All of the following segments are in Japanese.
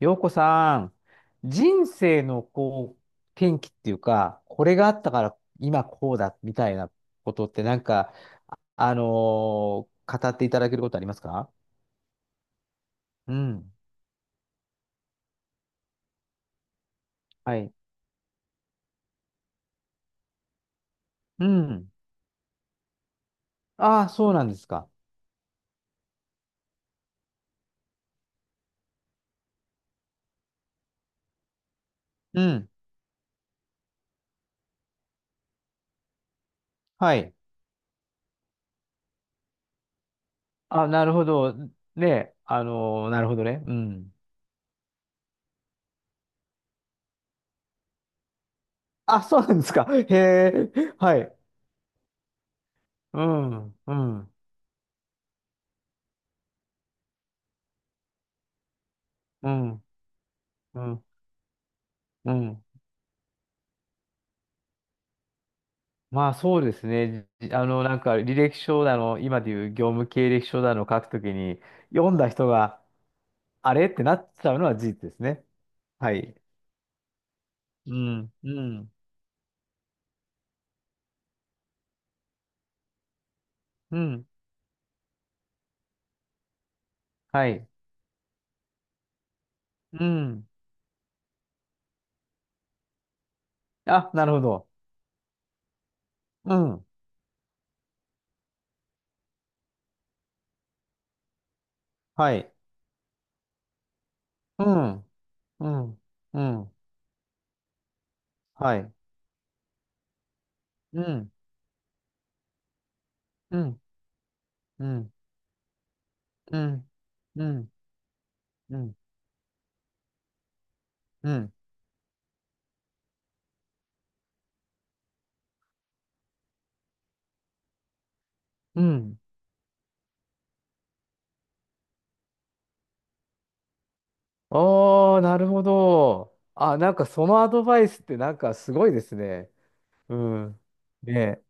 洋子さん、人生のこう、転機っていうか、これがあったから今こうだみたいなことってなんか、あの語っていただけることありますか？うん。はい。うん。ああ、そうなんですか。うん。はい。あ、なるほど。ね、なるほどね。うん。あ、そうなんですか。へえ。はい。うん。うん。うん。うん。うん。まあそうですね。じあの、なんか履歴書だの、今でいう業務経歴書だの書くときに、読んだ人が、あれってなっちゃうのは事実ですね。はい。うん、うん、うん、はい。うん。あ、なるほど。うん、はい。うん、うん、うん、はい。うん、うん、うん、うん、うん、うん、うん、うん。ああ、なるほど。あ、なんかそのアドバイスってなんかすごいですね。うん。ねえ。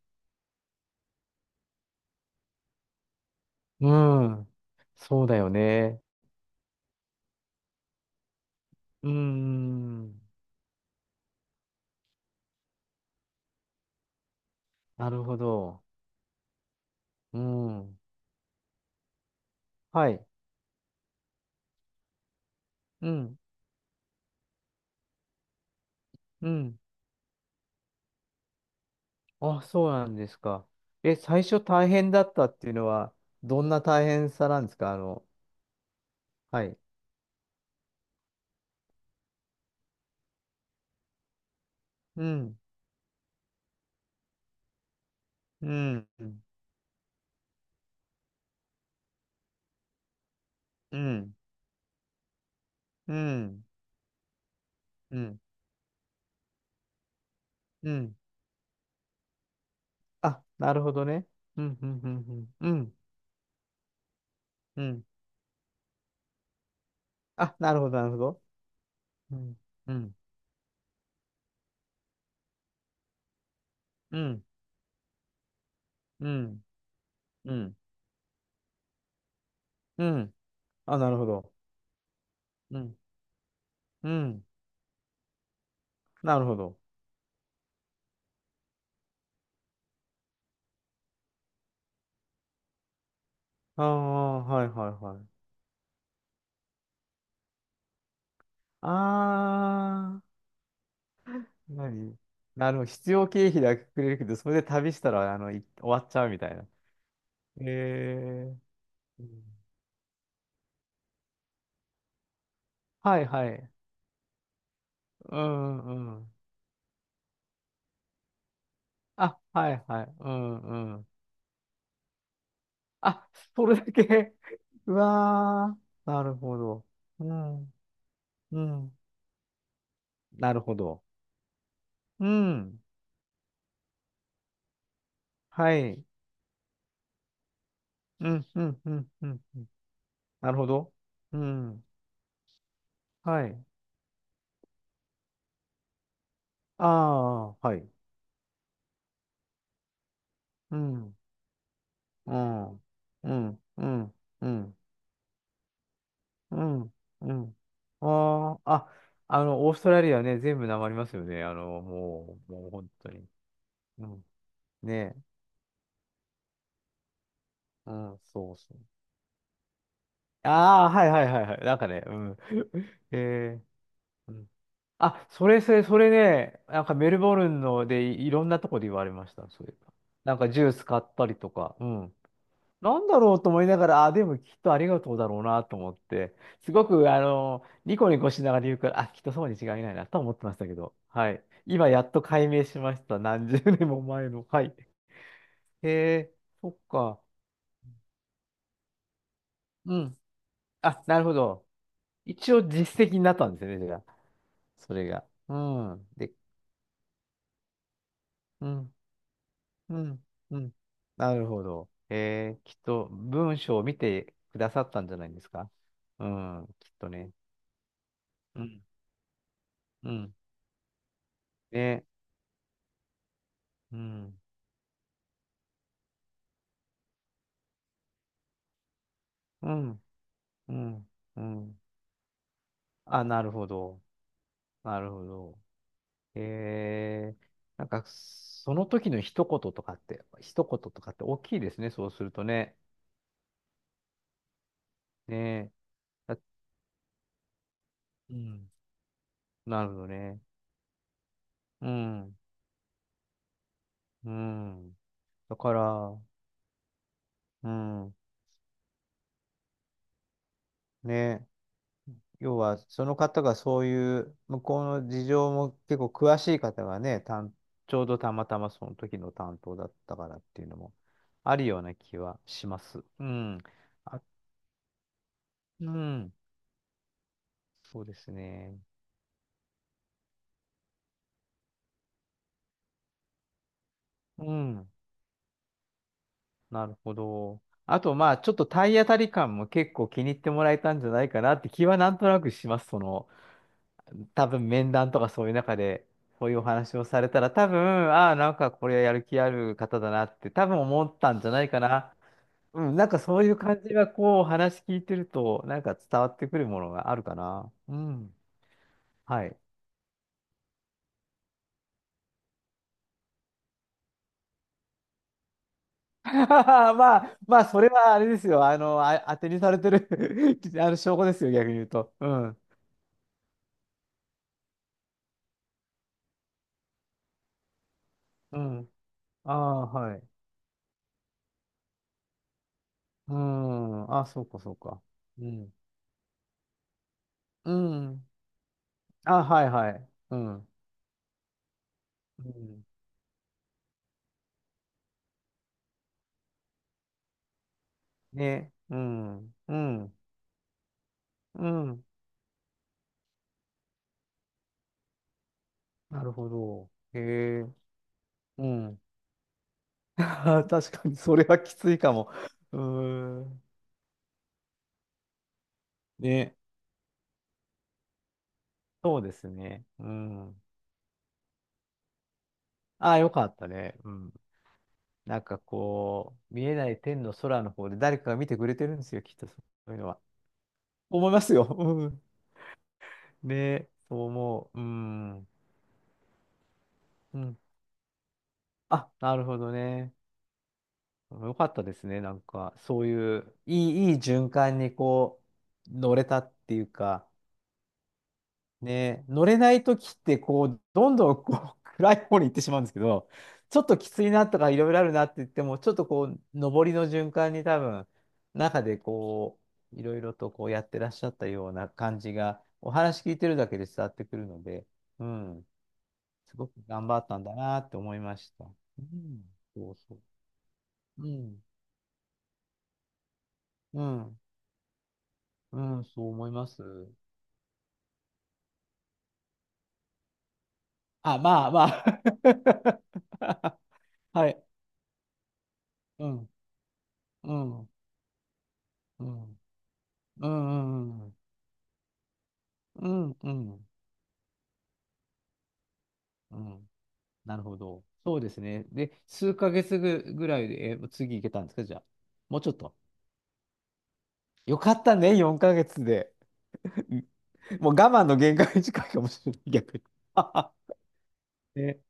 うん。そうだよね。うーん。なるほど。うん。はい。うん。うん。あ、そうなんですか。え、最初大変だったっていうのは、どんな大変さなんですか？はい。うん。うん。うん。うん。うん。うん。あ、なるほどね。うん。うん。うん。うん。うん。あ、なるほど、なるほど。うん。うん。うん。うん。うん。うん。あ、なるほど。うん。うん。なるほど。ああ、はいはいはい。ああ、何なるほど。必要経費だけくれるけど、それで旅したら、終わっちゃうみたいな。ええ。うん。はいはい。うんうん。あ、はいはい。うんうん。あ、それだけ うわー、なるほど。うん、うん。なるほど。うん。はい。うん、うん、うん、うん。うん。なるほど。うん。はい。ああ、はい。うん。うん、うん、うん、うん、うん、うん。ああ、あ、オーストラリアね、全部なまりますよね。もう、もう本当に。うん。ねえ。うん、そうそう。ああ、はいはいはいはい。なんかね、うん。えうん。あ、それ、それ、それね、なんかメルボルンのでいろんなとこで言われました、そういえば。なんかジュース買ったりとか、うん。なんだろうと思いながら、あ、でもきっとありがとうだろうなと思って、すごく、ニコニコしながら言うから、あ、きっとそうに違いないなと思ってましたけど、はい。今やっと解明しました。何十年も前の。はい。へえ、そっか。うん。あ、なるほど。一応実績になったんですよね、じゃあ。それが。うん。で、うん、うん、うん。なるほど。へえ、きっと文章を見てくださったんじゃないですか。うん、きっとね。うん、うん。ね。うん。うん。うん。うん。あ、なるほど。なるほど。へえ。なんか、その時の一言とかって、一言とかって大きいですね。そうするとね。ねえ。だうん。なるほどね。うん。うん。だから、うん。ね。要は、その方がそういう、向こうの事情も結構詳しい方がね、ちょうどたまたまその時の担当だったからっていうのもあるような気はします。うん。あ、うん。そうですね。うん。なるほど。あと、まあ、ちょっと体当たり感も結構気に入ってもらえたんじゃないかなって気はなんとなくします。多分面談とかそういう中で、こういうお話をされたら、多分、ああ、なんかこれやる気ある方だなって、多分思ったんじゃないかな。うん、なんかそういう感じがこう話聞いてると、なんか伝わってくるものがあるかな。うん。はい。まあ、まあ、それはあれですよ。あ、当てにされてる あの証拠ですよ、逆に言うと。うん。うん。ああ、はい。うん。あ、そうか、そうか。うん。うん。あ、はい、はい。うん。うん。ね。うん。うん。うん。なるほど。へえ。うん。確かに、それはきついかも。うーん。ね。そうですね。うん。ああ、よかったね。うん。なんかこう、見えない天の空の方で誰かが見てくれてるんですよ、きっとそういうのは。思いますよ。うん。ねえ、そう思う。うん。うん。あ、なるほどね。よかったですね。なんか、そういう、いい、いい循環にこう、乗れたっていうか、ね、乗れないときって、こう、どんどんこう 暗い方に行ってしまうんですけど、ちょっときついなとかいろいろあるなって言っても、ちょっとこう、上りの循環に多分、中でこう、いろいろとこうやってらっしゃったような感じが、お話聞いてるだけで伝わってくるので、うん、すごく頑張ったんだなって思いました。うん、そうそう。うん、うん、うん、そう思います。あ、まあまあ。はい。うん、うん、うん。うんうんうん。うんうんうん。なるほど。そうですね。で、数ヶ月ぐらいで、次行けたんですか、じゃあ。もうちょっと。よかったね、4ヶ月で。うん。もう我慢の限界に近いかもしれない、逆に。ね。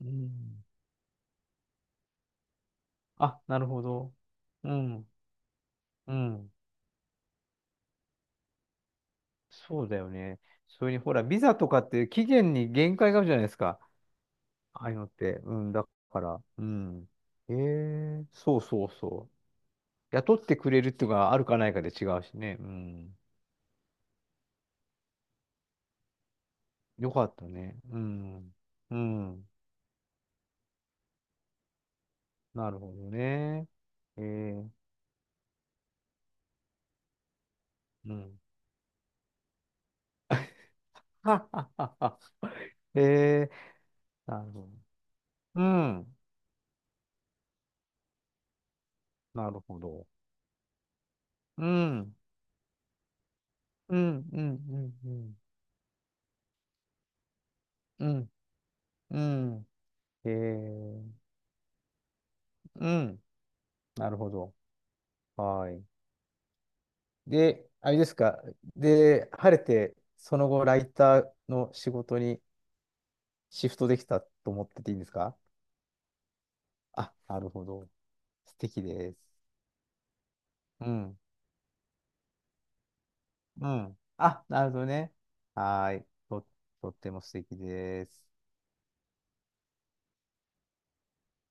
うん。あ、なるほど。うん。うん。そうだよね。それに、ほら、ビザとかって期限に限界があるじゃないですか。ああいうのって。うん、だから。うん。ええ。そうそうそう。雇ってくれるっていうのがあるかないかで違うしね。うん。よかったね。うん。うん。なるほどね。えー、うん。はははは。えー、なるほど。うん。なるほど。うん。うん。うん。うん。うん。うん。うん。えー、うん。なるほど。はい。で、あれですか。で、晴れて、その後、ライターの仕事にシフトできたと思ってていいんですか？あ、なるほど。素敵です。うん。うん。あ、なるほどね。はーい。とっても素敵です。